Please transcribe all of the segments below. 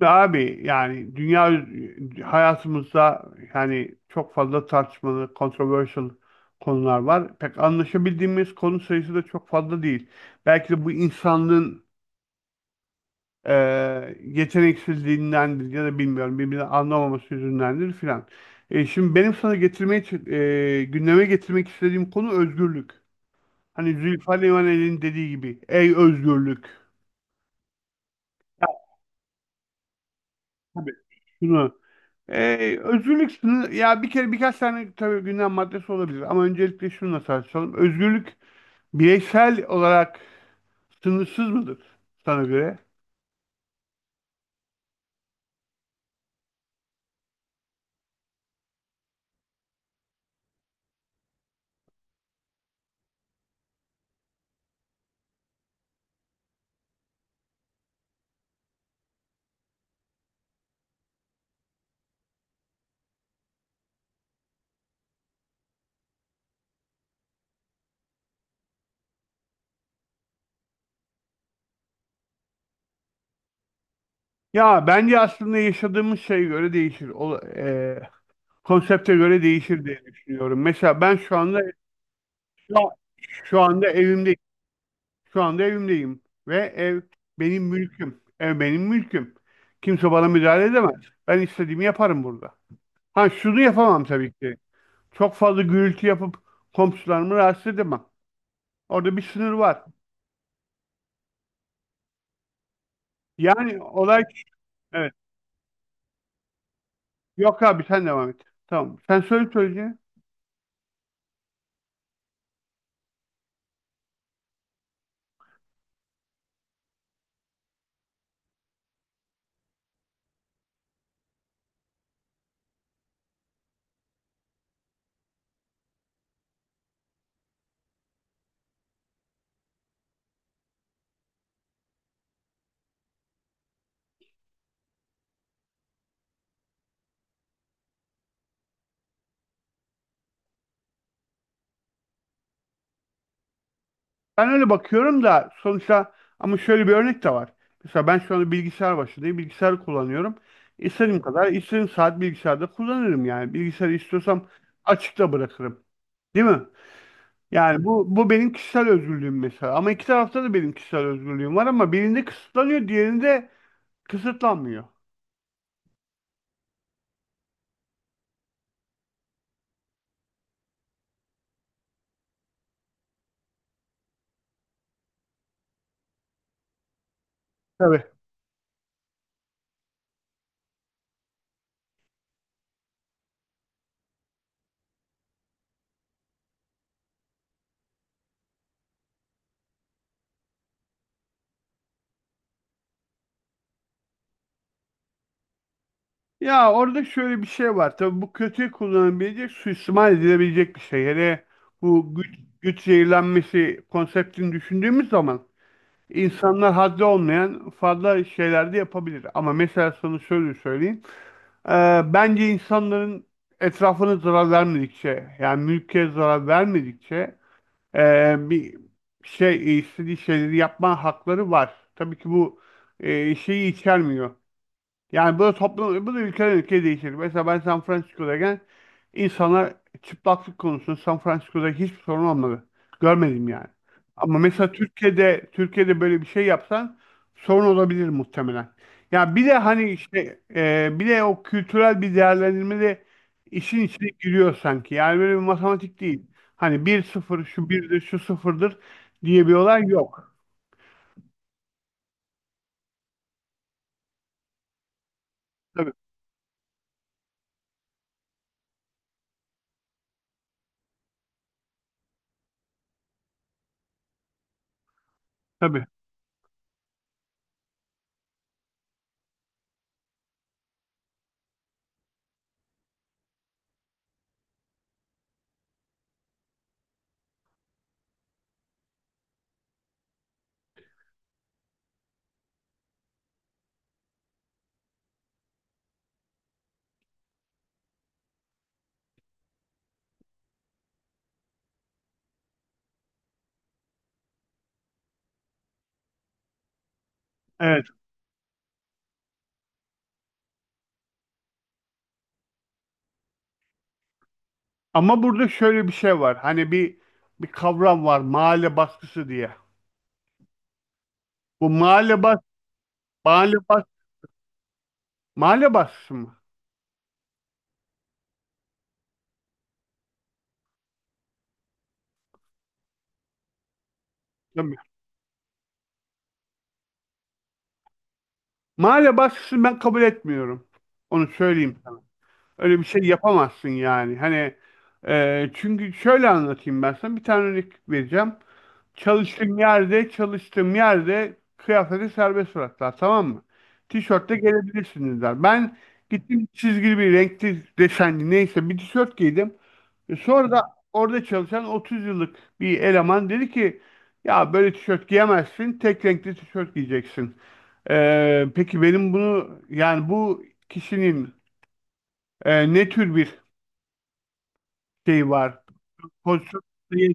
Abi, yani dünya hayatımızda yani çok fazla tartışmalı, controversial konular var. Pek anlaşabildiğimiz konu sayısı da çok fazla değil. Belki de bu insanlığın e, yeteneksizliğindendir ya da bilmiyorum, birbirini anlamaması yüzündendir filan. Şimdi benim sana getirmeye, gündeme getirmek istediğim konu özgürlük. Hani Zülfü Livaneli'nin dediği gibi, ey özgürlük. Tabii. Şunu Özgürlük sınır, ya bir kere birkaç tane tabii gündem maddesi olabilir ama öncelikle şununla tartışalım. Özgürlük bireysel olarak sınırsız mıdır sana göre? Ya bence aslında yaşadığımız şeye göre değişir. Konsepte göre değişir diye düşünüyorum. Mesela ben şu anda şu, şu anda evimdeyim. Şu anda evimdeyim ve ev benim mülküm. Ev benim mülküm. Kimse bana müdahale edemez. Ben istediğimi yaparım burada. Ha şunu yapamam tabii ki. Çok fazla gürültü yapıp komşularımı rahatsız edemem. Orada bir sınır var. Yani olay, evet. Yok abi, sen devam et. Tamam. Sen söyle söyleyeceğini. Ben öyle bakıyorum da sonuçta, ama şöyle bir örnek de var. Mesela ben şu anda bilgisayar başındayım. Bilgisayar kullanıyorum. İstediğim kadar, istediğim saat bilgisayarda kullanırım yani. Bilgisayarı istiyorsam açıkta bırakırım. Değil mi? Yani bu benim kişisel özgürlüğüm mesela. Ama iki tarafta da benim kişisel özgürlüğüm var, ama birinde kısıtlanıyor, diğerinde kısıtlanmıyor. Tabii. Ya orada şöyle bir şey var. Tabii, bu kötüye kullanılabilecek, suistimal edilebilecek bir şey. Hele bu güç zehirlenmesi konseptini düşündüğümüz zaman insanlar haddi olmayan fazla şeyler de yapabilir. Ama mesela sana şöyle söyleyeyim. Bence insanların etrafına zarar vermedikçe, yani mülke zarar vermedikçe, bir şey istediği şeyleri yapma hakları var. Tabii ki bu şeyi içermiyor. Yani bu da ülkeden ülkeye değişir. Mesela ben San Francisco'dayken insanlar çıplaklık konusunda San Francisco'da hiçbir sorun olmadı. Görmedim yani. Ama mesela Türkiye'de böyle bir şey yapsan sorun olabilir muhtemelen. Ya bir de hani işte, bir de o kültürel bir değerlendirme de işin içine giriyor sanki. Yani böyle bir matematik değil. Hani bir sıfır, şu birdir şu sıfırdır diye bir olay yok. Tabii, tabii. Evet. Ama burada şöyle bir şey var. Hani bir kavram var, mahalle baskısı diye. Bu mahalle bas mahalle baskısı mı? Tabii. Mahalle baskısını ben kabul etmiyorum. Onu söyleyeyim sana. Öyle bir şey yapamazsın yani. Hani, çünkü şöyle anlatayım ben sana. Bir tane örnek vereceğim. Çalıştığım yerde kıyafeti serbest bıraktılar, tamam mı? Tişörtle gelebilirsiniz, der. Ben gittim, çizgili bir renkli desenli neyse bir tişört giydim. Sonra da orada çalışan 30 yıllık bir eleman dedi ki, ya böyle tişört giyemezsin, tek renkli tişört giyeceksin. Peki benim yani bu kişinin ne tür bir şey var? Pozisyon değil.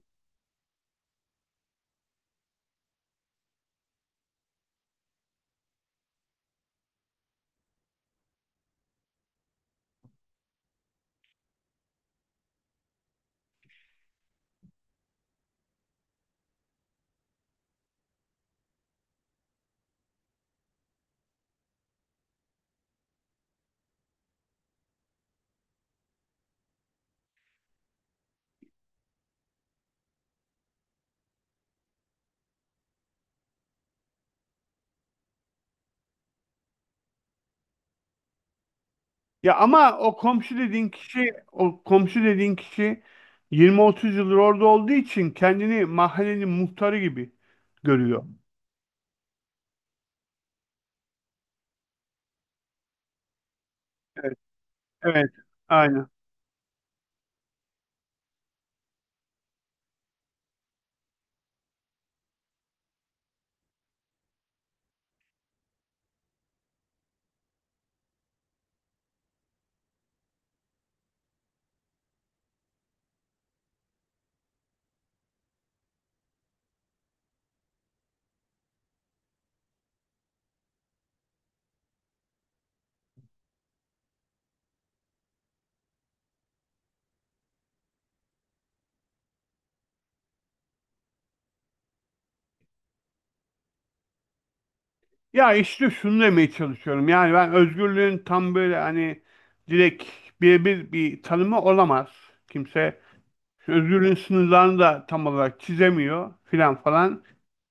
Ya ama o komşu dediğin kişi 20-30 yıldır orada olduğu için kendini mahallenin muhtarı gibi görüyor. Evet, evet, aynen. Ya işte şunu demeye çalışıyorum. Yani ben özgürlüğün tam böyle hani direkt birebir bir tanımı olamaz. Kimse özgürlüğün sınırlarını da tam olarak çizemiyor filan falan.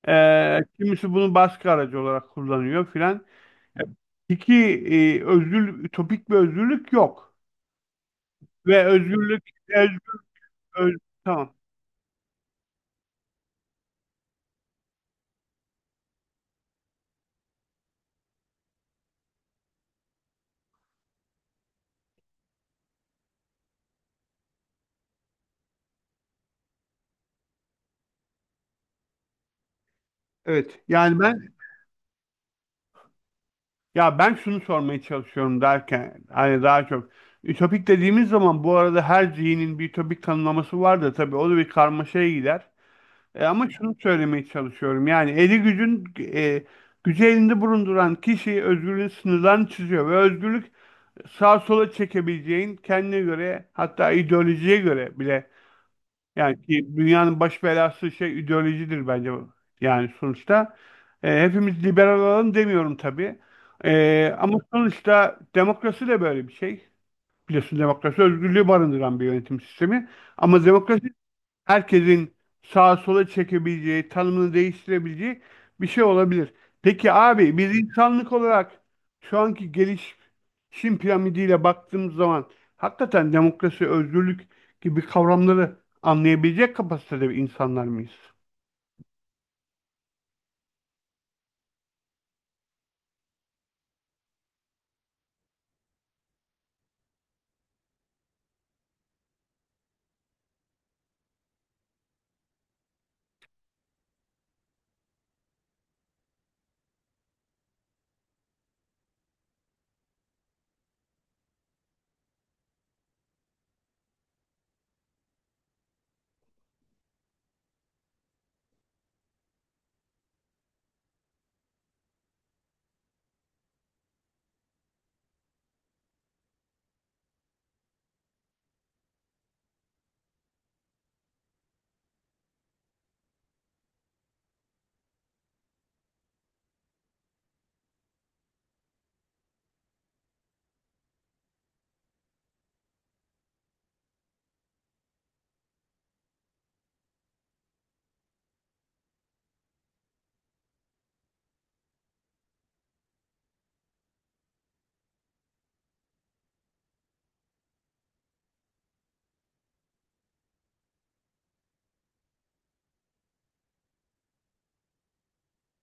Kimisi bunu baskı aracı olarak kullanıyor filan. İki, e, özgür ütopik bir özgürlük yok. Ve özgürlük öz, öz- tamam. Evet. Yani ben Ya ben şunu sormaya çalışıyorum derken hani daha çok ütopik dediğimiz zaman, bu arada her zihnin bir ütopik tanımlaması var da tabii, o da bir karmaşaya gider. Ama şunu söylemeye çalışıyorum, yani gücü elinde bulunduran kişi özgürlüğün sınırlarını çiziyor ve özgürlük sağa sola çekebileceğin, kendine göre, hatta ideolojiye göre bile, yani ki dünyanın baş belası şey ideolojidir bence. Yani sonuçta hepimiz liberal olalım demiyorum tabii. Ama sonuçta demokrasi de böyle bir şey. Biliyorsun, demokrasi özgürlüğü barındıran bir yönetim sistemi. Ama demokrasi herkesin sağa sola çekebileceği, tanımını değiştirebileceği bir şey olabilir. Peki abi, biz insanlık olarak şu anki Çin piramidiyle baktığımız zaman hakikaten demokrasi, özgürlük gibi kavramları anlayabilecek kapasitede insanlar mıyız?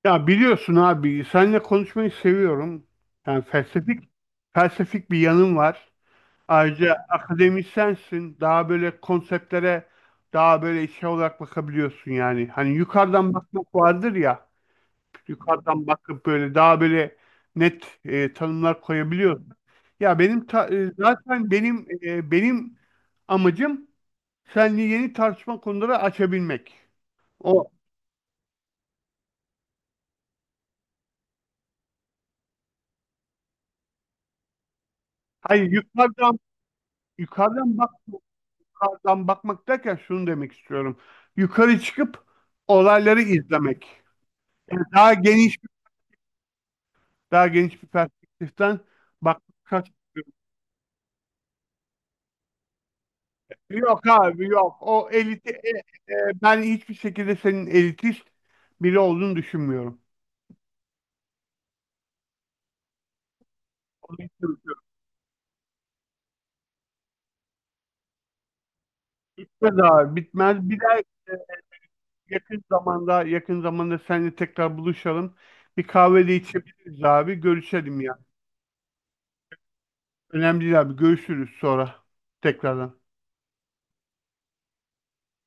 Ya biliyorsun abi, seninle konuşmayı seviyorum. Yani felsefik bir yanım var. Ayrıca akademisyensin. Daha böyle konseptlere daha böyle şey olarak bakabiliyorsun yani. Hani yukarıdan bakmak vardır ya. Yukarıdan bakıp böyle daha böyle net tanımlar koyabiliyorsun. Ya benim zaten benim amacım seninle yeni tartışma konuları açabilmek. O hayır, yukarıdan bak yukarıdan bakmak derken şunu demek istiyorum. Yukarı çıkıp olayları izlemek. Yani daha geniş bir perspektiften bakmak. Yok abi, yok. O eliti e, e, Ben hiçbir şekilde senin elitist biri olduğunu düşünmüyorum. Onu hiç düşünmüyorum. Bitmez abi, bitmez. Bir daha, yakın zamanda seninle tekrar buluşalım. Bir kahve de içebiliriz abi. Görüşelim ya. Önemli değil abi. Görüşürüz sonra tekrardan.